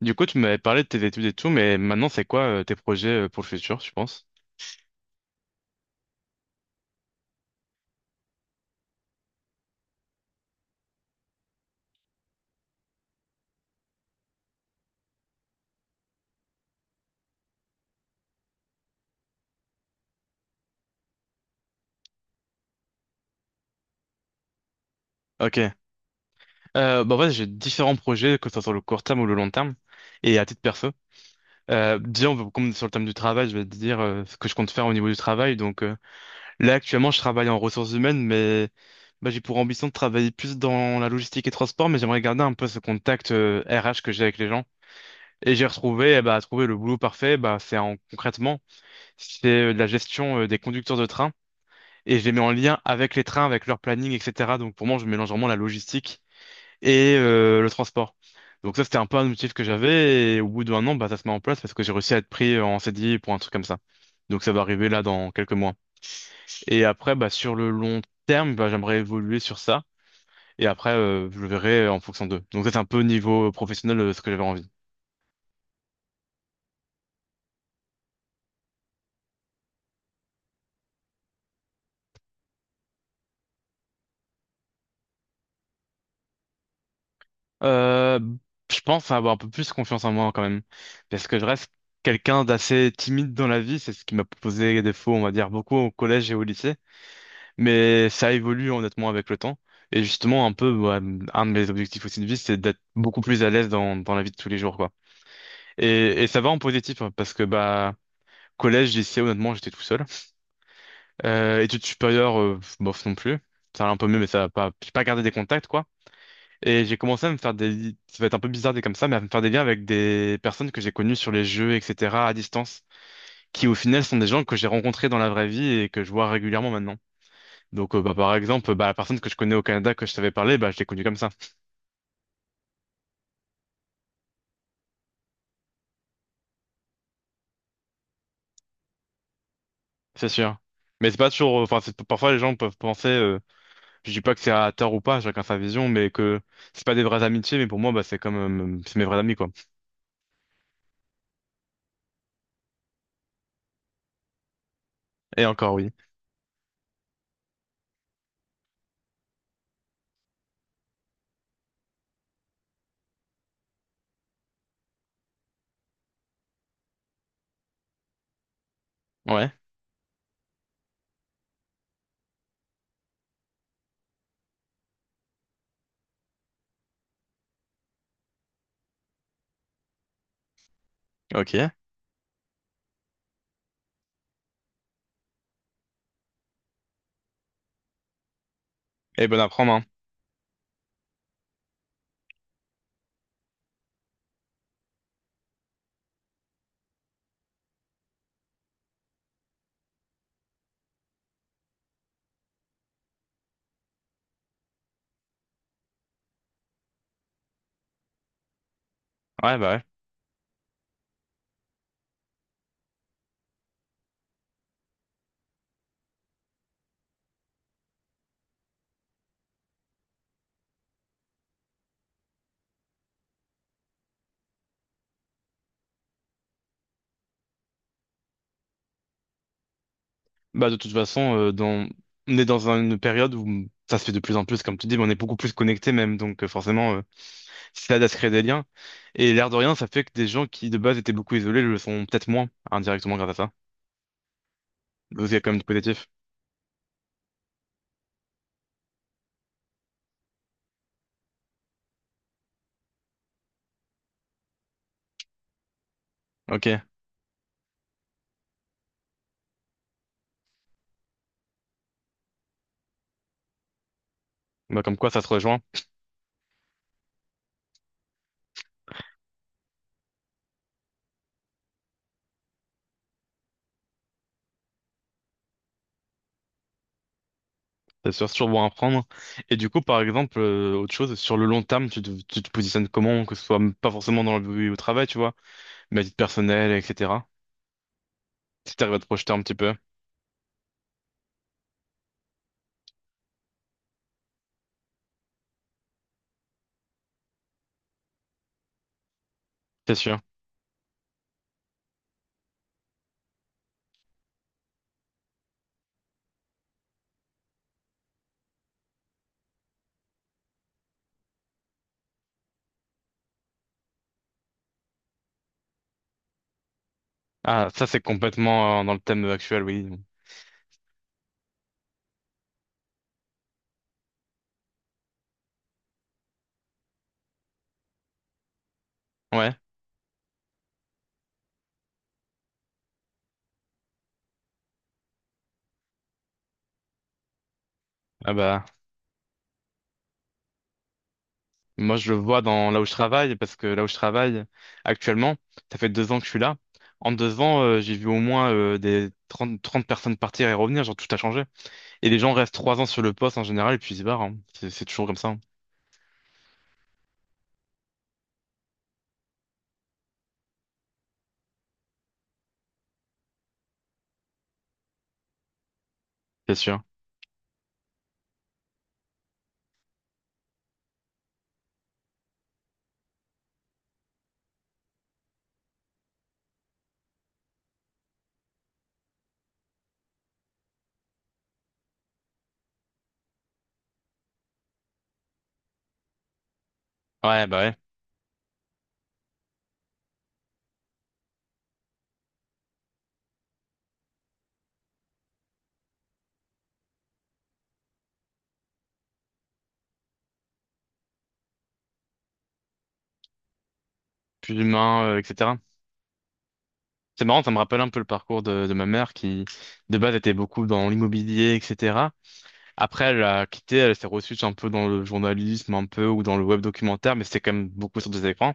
Du coup, tu m'avais parlé de tes études et tout, mais maintenant, c'est quoi tes projets pour le futur, tu penses? Ok. Bah, en fait, j'ai différents projets, que ce soit sur le court terme ou le long terme, et à titre perso. Déjà, comme sur le thème du travail, je vais te dire ce que je compte faire au niveau du travail. Donc, là, actuellement, je travaille en ressources humaines, mais bah, j'ai pour ambition de travailler plus dans la logistique et transport, mais j'aimerais garder un peu ce contact RH que j'ai avec les gens. Et j'ai retrouvé, eh bah, trouver le boulot parfait, bah, c'est en concrètement, c'est de la gestion des conducteurs de train. Et je les mets en lien avec les trains, avec leur planning, etc. Donc pour moi, je mélange vraiment la logistique et le transport. Donc ça, c'était un peu un objectif que j'avais et au bout d'un an, bah, ça se met en place parce que j'ai réussi à être pris en CDI pour un truc comme ça. Donc ça va arriver là dans quelques mois. Et après, bah, sur le long terme, bah, j'aimerais évoluer sur ça. Et après, je verrai en fonction d'eux. Donc ça, c'est un peu au niveau professionnel ce que j'avais envie. Euh, je pense avoir un peu plus confiance en moi quand même, parce que je reste quelqu'un d'assez timide dans la vie, c'est ce qui m'a posé défaut, on va dire, beaucoup au collège et au lycée, mais ça évolue honnêtement avec le temps. Et justement, un peu, ouais, un de mes objectifs aussi de vie, c'est d'être beaucoup plus à l'aise dans la vie de tous les jours, quoi. Et ça va en positif, hein, parce que bah collège, lycée, honnêtement, j'étais tout seul. Études supérieures, bof non plus. Ça allait un peu mieux, mais ça a pas, j'ai pas gardé des contacts, quoi. Et j'ai commencé à me faire des, ça va être un peu bizarre dit comme ça, mais à me faire des liens avec des personnes que j'ai connues sur les jeux, etc., à distance, qui au final sont des gens que j'ai rencontrés dans la vraie vie et que je vois régulièrement maintenant. Donc bah, par exemple, bah, la personne que je connais au Canada, que je t'avais parlé, bah, je l'ai connue comme ça, c'est sûr. Mais c'est pas toujours, enfin, parfois les gens peuvent penser, je dis pas que c'est à tort ou pas, chacun sa vision, mais que c'est pas des vraies amitiés, mais pour moi, bah, c'est comme, c'est mes vrais amis, quoi. Et encore, oui. Ouais, ok. Et bon à prendre, hein. Ouais. Bah, de toute façon, on est dans une période où ça se fait de plus en plus, comme tu dis, mais on est beaucoup plus connectés même, donc forcément, ça aide à se créer des liens. Et l'air de rien, ça fait que des gens qui de base étaient beaucoup isolés le sont peut-être moins, indirectement grâce à ça. Donc il y a quand même du positif. Ok, bah comme quoi ça se rejoint, c'est sûr, c'est toujours bon à prendre. Et du coup, par exemple, autre chose, sur le long terme, tu te positionnes comment, que ce soit pas forcément dans le au travail, tu vois, mais à titre personnel, etc. Si t'arrives à te projeter un petit peu, c'est sûr. Ah, ça c'est complètement dans le thème actuel, oui. Ouais, ah bah, moi je le vois dans là où je travaille, parce que là où je travaille actuellement, ça fait 2 ans que je suis là. En 2 ans, j'ai vu au moins des trente personnes partir et revenir, genre tout a changé. Et les gens restent 3 ans sur le poste en général et puis ils se barrent, hein. C'est toujours comme ça, hein. C'est sûr. Ouais, bah ouais, plus humain, etc. C'est marrant, ça me rappelle un peu le parcours de ma mère qui, de base, était beaucoup dans l'immobilier, etc. Après, elle a quitté, elle s'est reçue un peu dans le journalisme, un peu, ou dans le web documentaire, mais c'était quand même beaucoup sur des écrans.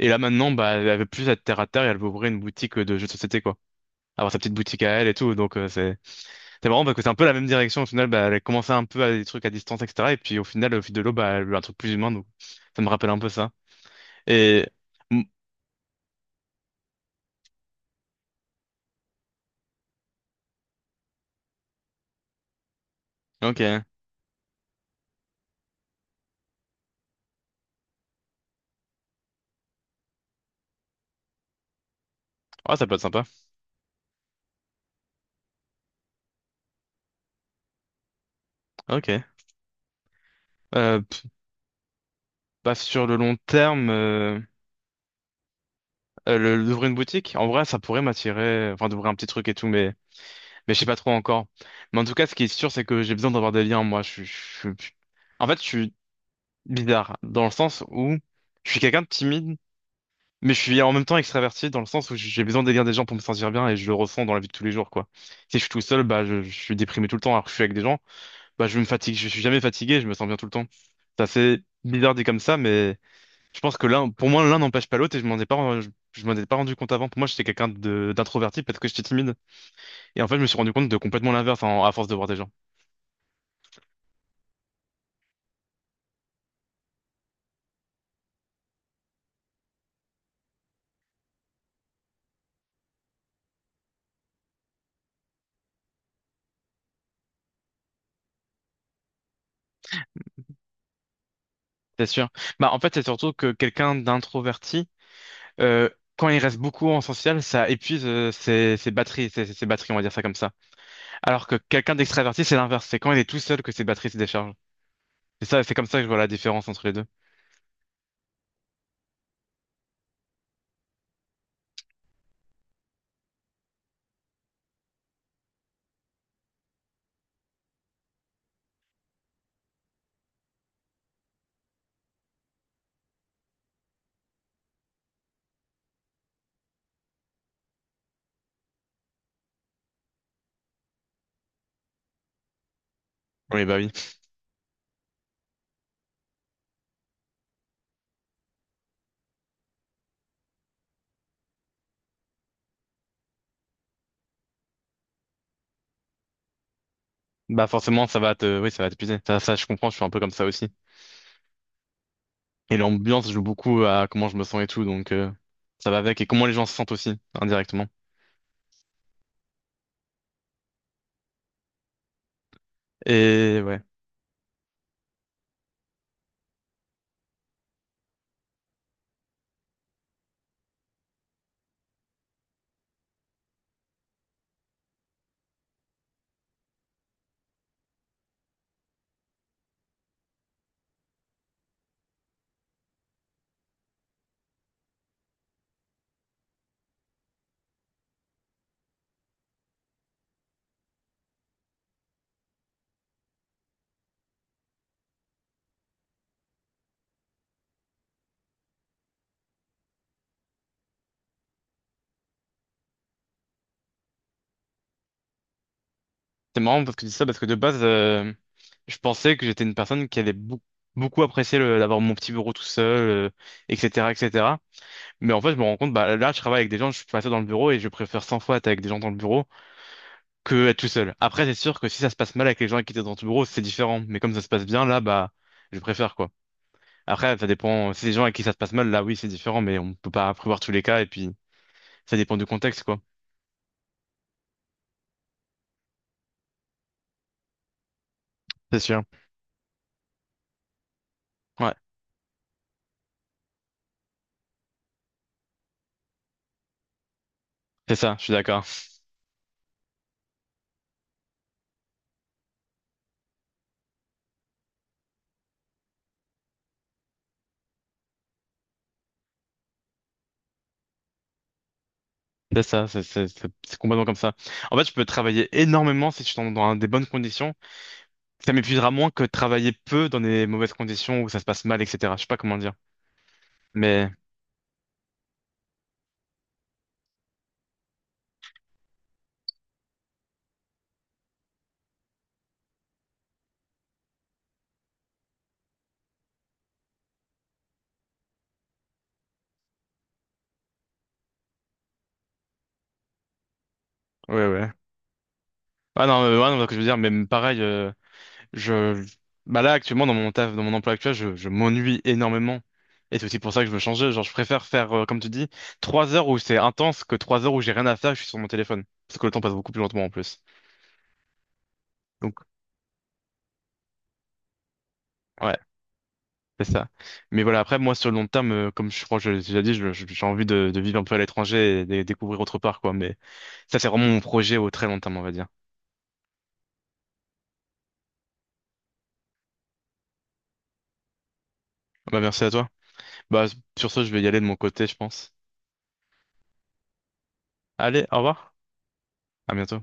Et là maintenant, bah, elle veut plus être terre à terre et elle veut ouvrir une boutique de jeux de société, quoi. Avoir sa petite boutique à elle et tout. Donc c'est marrant parce que c'est un peu la même direction. Au final, bah, elle commençait un peu à des trucs à distance, etc. Et puis au final, au fil de l'eau, bah, elle veut un truc plus humain. Donc ça me rappelle un peu ça. Et mm, ok, ah ça peut être sympa. Ok. Euh, pff, bah, sur le long terme, d'ouvrir une boutique, en vrai, ça pourrait m'attirer. Enfin, d'ouvrir un petit truc et tout, mais je sais pas trop encore. Mais en tout cas, ce qui est sûr, c'est que j'ai besoin d'avoir des liens. Moi, suis- en fait, bizarre, dans le sens où je suis quelqu'un de timide, mais je suis en même temps extraverti, dans le sens où j'ai besoin d'élire des gens pour me sentir bien et je le ressens dans la vie de tous les jours, quoi. Si je suis tout seul, bah, je suis déprimé tout le temps, alors que je suis avec des gens, bah, je me fatigue, je suis jamais fatigué, je me sens bien tout le temps. C'est assez bizarre dit comme ça, mais je pense que l'un, pour moi, l'un n'empêche pas l'autre et je m'en ai pas, je m'en ai pas rendu compte avant. Pour moi, j'étais quelqu'un d'introverti, parce être que j'étais timide. Et en fait, je me suis rendu compte de complètement l'inverse à force de voir des gens. C'est sûr. Bah, en fait, c'est surtout que quelqu'un d'introverti, euh, quand il reste beaucoup en social, ça épuise ses batteries, ses batteries, on va dire ça comme ça. Alors que quelqu'un d'extraverti, c'est l'inverse. C'est quand il est tout seul que ses batteries se déchargent. C'est ça, c'est comme ça que je vois la différence entre les deux. Oui. Bah forcément, oui, ça va t'épuiser. Je comprends, je suis un peu comme ça aussi. Et l'ambiance joue beaucoup à comment je me sens et tout, donc ça va avec. Et comment les gens se sentent aussi, indirectement. Et ouais. C'est marrant parce que tu dis ça parce que de base, je pensais que j'étais une personne qui allait beaucoup, beaucoup apprécier d'avoir mon petit bureau tout seul, etc., etc. Mais en fait, je me rends compte, bah là, je travaille avec des gens, je suis pas seul dans le bureau et je préfère 100 fois être avec des gens dans le bureau que être tout seul. Après, c'est sûr que si ça se passe mal avec les gens avec qui étaient dans ton bureau, c'est différent. Mais comme ça se passe bien, là, bah, je préfère quoi. Après, ça dépend. Si c'est des gens avec qui ça se passe mal, là, oui, c'est différent, mais on peut pas prévoir tous les cas et puis ça dépend du contexte, quoi. C'est sûr. Ouais, c'est ça. Je suis d'accord. C'est ça, c'est complètement comme ça. En fait, je peux travailler énormément si je suis dans des bonnes conditions. Ça m'épuisera moins que travailler peu dans des mauvaises conditions où ça se passe mal, etc. Je sais pas comment dire. Mais, ouais, ouais. Ah non, ouais, non, ce que je veux dire, mais pareil, je, bah là, actuellement, dans mon taf, dans mon emploi actuel, je m'ennuie énormément. Et c'est aussi pour ça que je veux changer. Genre, je préfère faire, comme tu dis, 3 heures où c'est intense que 3 heures où j'ai rien à faire, je suis sur mon téléphone. Parce que le temps passe beaucoup plus lentement en plus. Donc, ouais. C'est ça. Mais voilà, après, moi, sur le long terme, comme je crois que je l'ai déjà dit, j'ai envie de vivre un peu à l'étranger et de découvrir autre part, quoi. Mais ça, c'est vraiment mon projet au très long terme, on va dire. Bah, merci à toi. Bah, sur ce, je vais y aller de mon côté, je pense. Allez, au revoir. À bientôt.